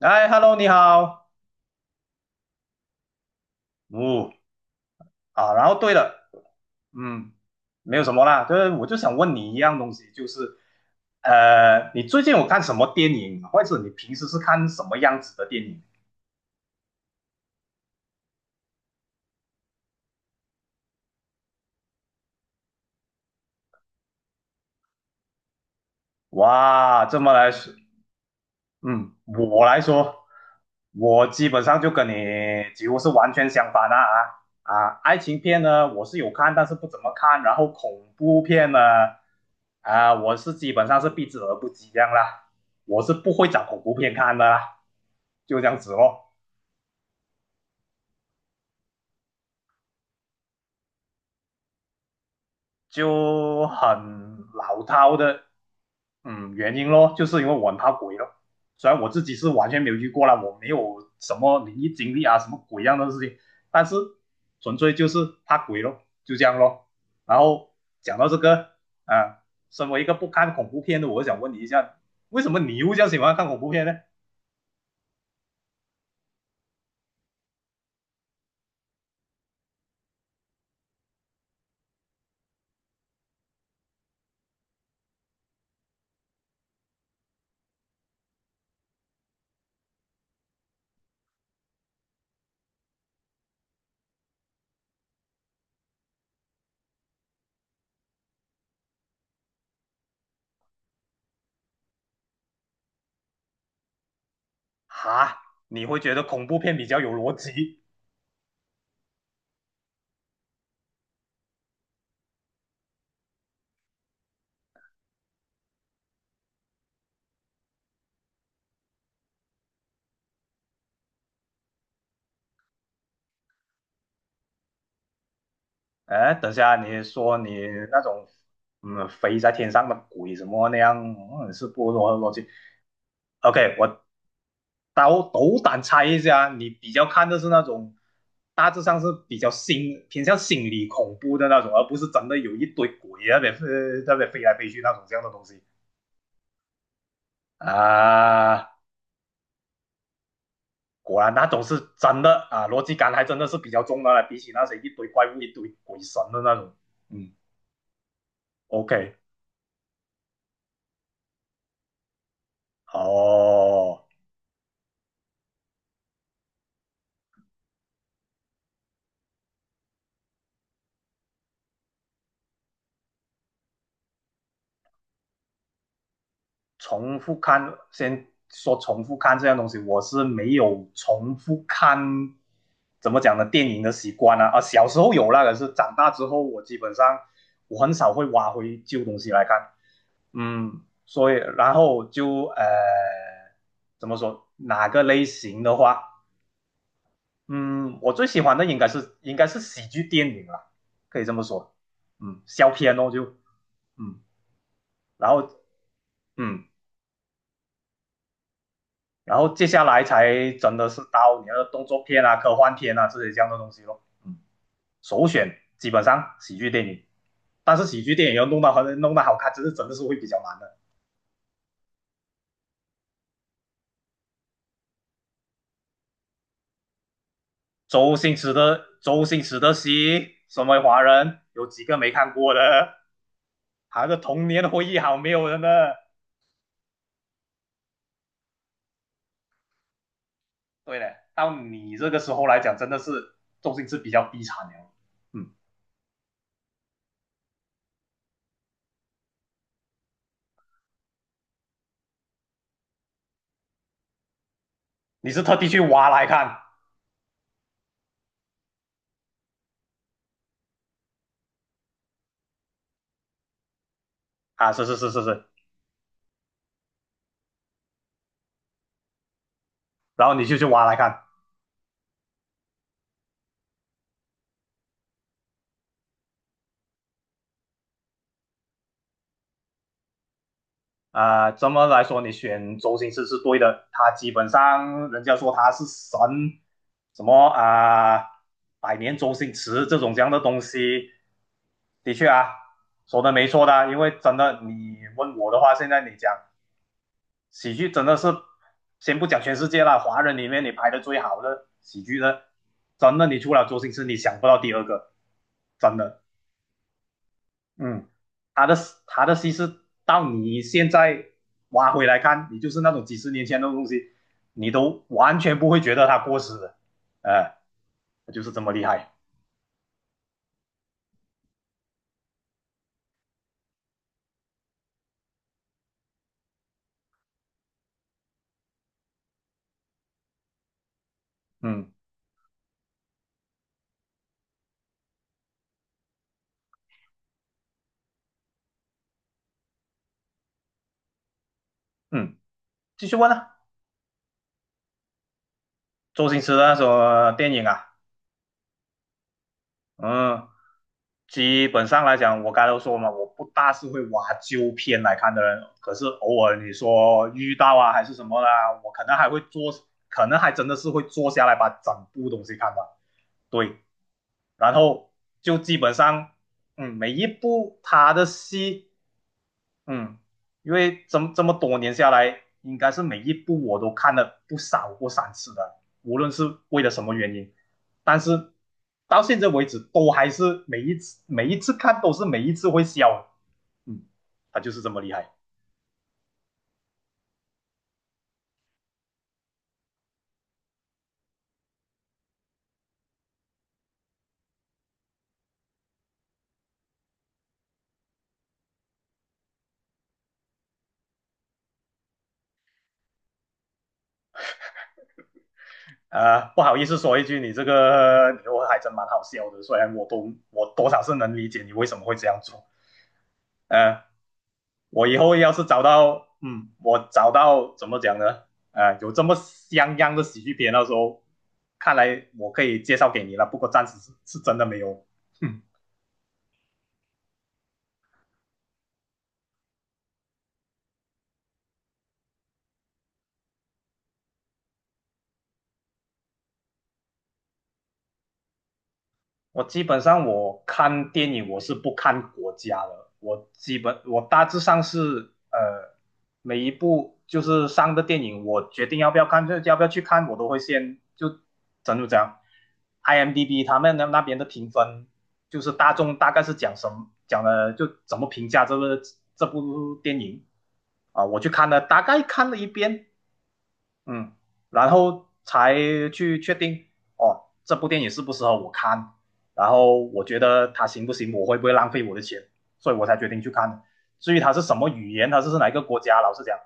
哎，Hello，你好，哦，啊，然后对了，嗯，没有什么啦，就是我就想问你一样东西，就是你最近有看什么电影，或者你平时是看什么样子的电影？哇，这么来说，嗯，我来说，我基本上就跟你几乎是完全相反啊啊！啊爱情片呢，我是有看，但是不怎么看。然后恐怖片呢，啊，我基本上是避之而不及这样啦。我是不会找恐怖片看的啦，就这样子咯。就很老套的，嗯，原因咯，就是因为我很怕鬼咯。虽然我自己是完全没有遇过啦，我没有什么灵异经历啊，什么鬼样的事情，但是纯粹就是怕鬼咯，就这样咯。然后讲到这个啊，身为一个不看恐怖片的，我想问你一下，为什么你又这样喜欢看恐怖片呢？哈，你会觉得恐怖片比较有逻辑，哎，等下你说你那种飞在天上的鬼什么那样，嗯，是不？萝逻辑。OK，我斗胆猜一下，你比较看的是那种大致上是比较偏向心理恐怖的那种，而不是真的有一堆鬼在那边飞来飞去那种这样的东西啊。果然那种是真的啊，逻辑感还真的是比较重的了，比起那些一堆怪物、一堆鬼神的那种。嗯，OK，哦。重复看，先说重复看这样东西，我是没有重复看怎么讲呢电影的习惯啊。啊，小时候有那个是长大之后我基本上我很少会挖回旧东西来看。嗯，所以然后就怎么说哪个类型的话，嗯，我最喜欢的应该是喜剧电影啦，可以这么说。嗯，笑片哦就嗯，然后嗯。然后接下来才真的是到你的动作片啊、科幻片啊这些这样的东西咯。嗯，首选基本上喜剧电影，但是喜剧电影要弄到很弄得好看，真的是会比较难的。周星驰的戏，身为华人有几个没看过的？还有个童年回忆好没有人的。对了，到你这个时候来讲，真的是周星驰比较低产了。嗯，你是特地去挖来看啊？是是是是是，然后你就去挖来看。啊，这么来说，你选周星驰是对的，他基本上人家说他是神，什么啊，百年周星驰这种这样的东西，的确啊，说的没错的，因为真的你问我的话，现在你讲喜剧真的是，先不讲全世界了，华人里面你拍的最好的喜剧的，真的你除了周星驰，你想不到第二个，真的。嗯，他的他的西施到你现在挖回来看，你就是那种几十年前的东西，你都完全不会觉得它过时的，哎、就是这么厉害。嗯嗯，继续问啊，周星驰的那首电影啊，嗯，基本上来讲，我刚才都说嘛，我不大是会挖旧片来看的人，可是偶尔你说遇到啊还是什么啦，我可能还会坐，可能还真的是会坐下来把整部东西看完。对，然后就基本上，嗯，每一部他的戏，嗯，因为这么多年下来，应该是每一部我都看了不少过三次的，无论是为了什么原因，但是到现在为止，都还是每一次每一次看都是每一次会笑，嗯，他就是这么厉害。不好意思说一句，你这个你我还真蛮好笑的，虽然我多少是能理解你为什么会这样做，呃，我以后要是找到，嗯，我找到怎么讲呢？啊、有这么像样的喜剧片，到时候看来我可以介绍给你了。不过暂时是真的没有。哼我基本上我看电影我是不看国家的，我基本我大致上是每一部就是上的电影，我决定要不要看，就要不要去看，我都会先就这样 IMDb 他们那边的评分，就是大众大概是讲什么讲的，就怎么评价这部电影啊，我去看了，大概看了一遍，嗯，然后才去确定哦，这部电影适不适合我看，然后我觉得它行不行，我会不会浪费我的钱，所以我才决定去看的。至于它是什么语言，它是哪一个国家，老实讲，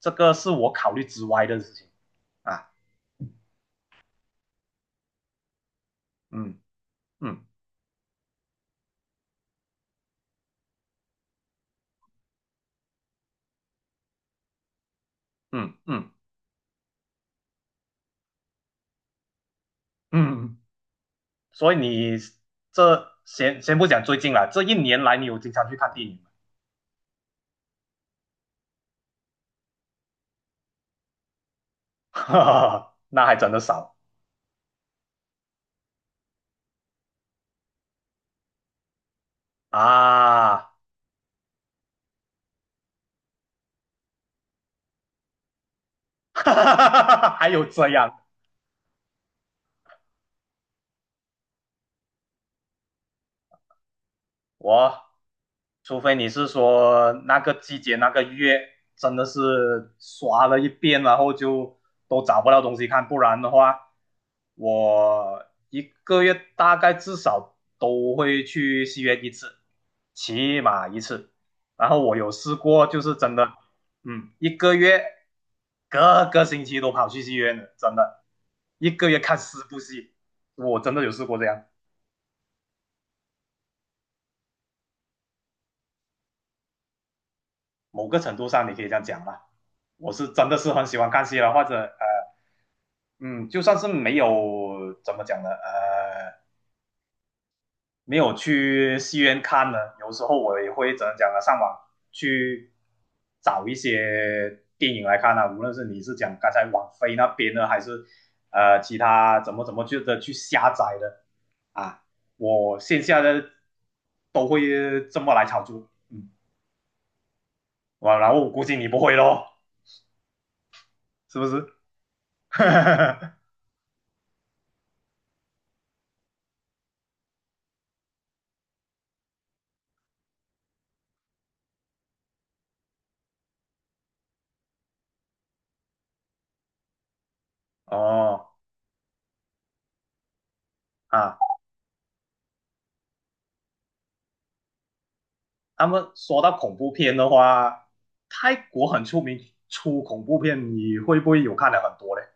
这个是我考虑之外的事情啊。嗯嗯嗯嗯嗯，所以你这先不讲最近了，这一年来你有经常去看电影吗？哈哈哈，那还真的少啊，哈哈哈哈，还有这样我。除非你是说那个季节那个月真的是刷了一遍，然后就都找不到东西看，不然的话，我一个月大概至少都会去戏院一次，起码一次。然后我有试过，就是真的，嗯，一个月各个星期都跑去戏院的，真的，一个月看四部戏，我真的有试过这样。某个程度上你可以这样讲吧。我真的是很喜欢看戏了，或者嗯，就算是没有怎么讲呢，没有去戏院看呢，有时候我也会怎么讲呢，上网去找一些电影来看啊，无论是你是讲刚才网飞那边的，还是其他怎么去下载的啊，我线下的都会这么来炒作，嗯，哇，然后我估计你不会咯，是不是？哦啊，那么说到恐怖片的话，泰国很出名出恐怖片，你会不会有看了很多嘞？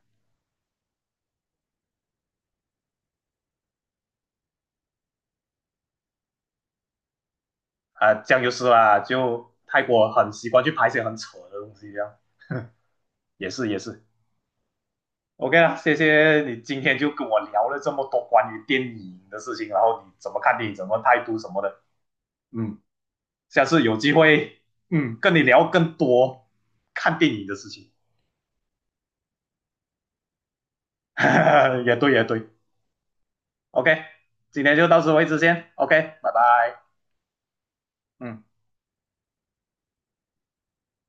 啊，这样就是啦，就泰国很习惯去拍一些很扯的东西，这样也是也是。OK 啦，谢谢你今天就跟我聊了这么多关于电影的事情，然后你怎么看电影，怎么态度什么的。嗯，下次有机会，嗯，跟你聊更多看电影的事情。也对也对，OK，今天就到此为止先，OK，拜拜。嗯，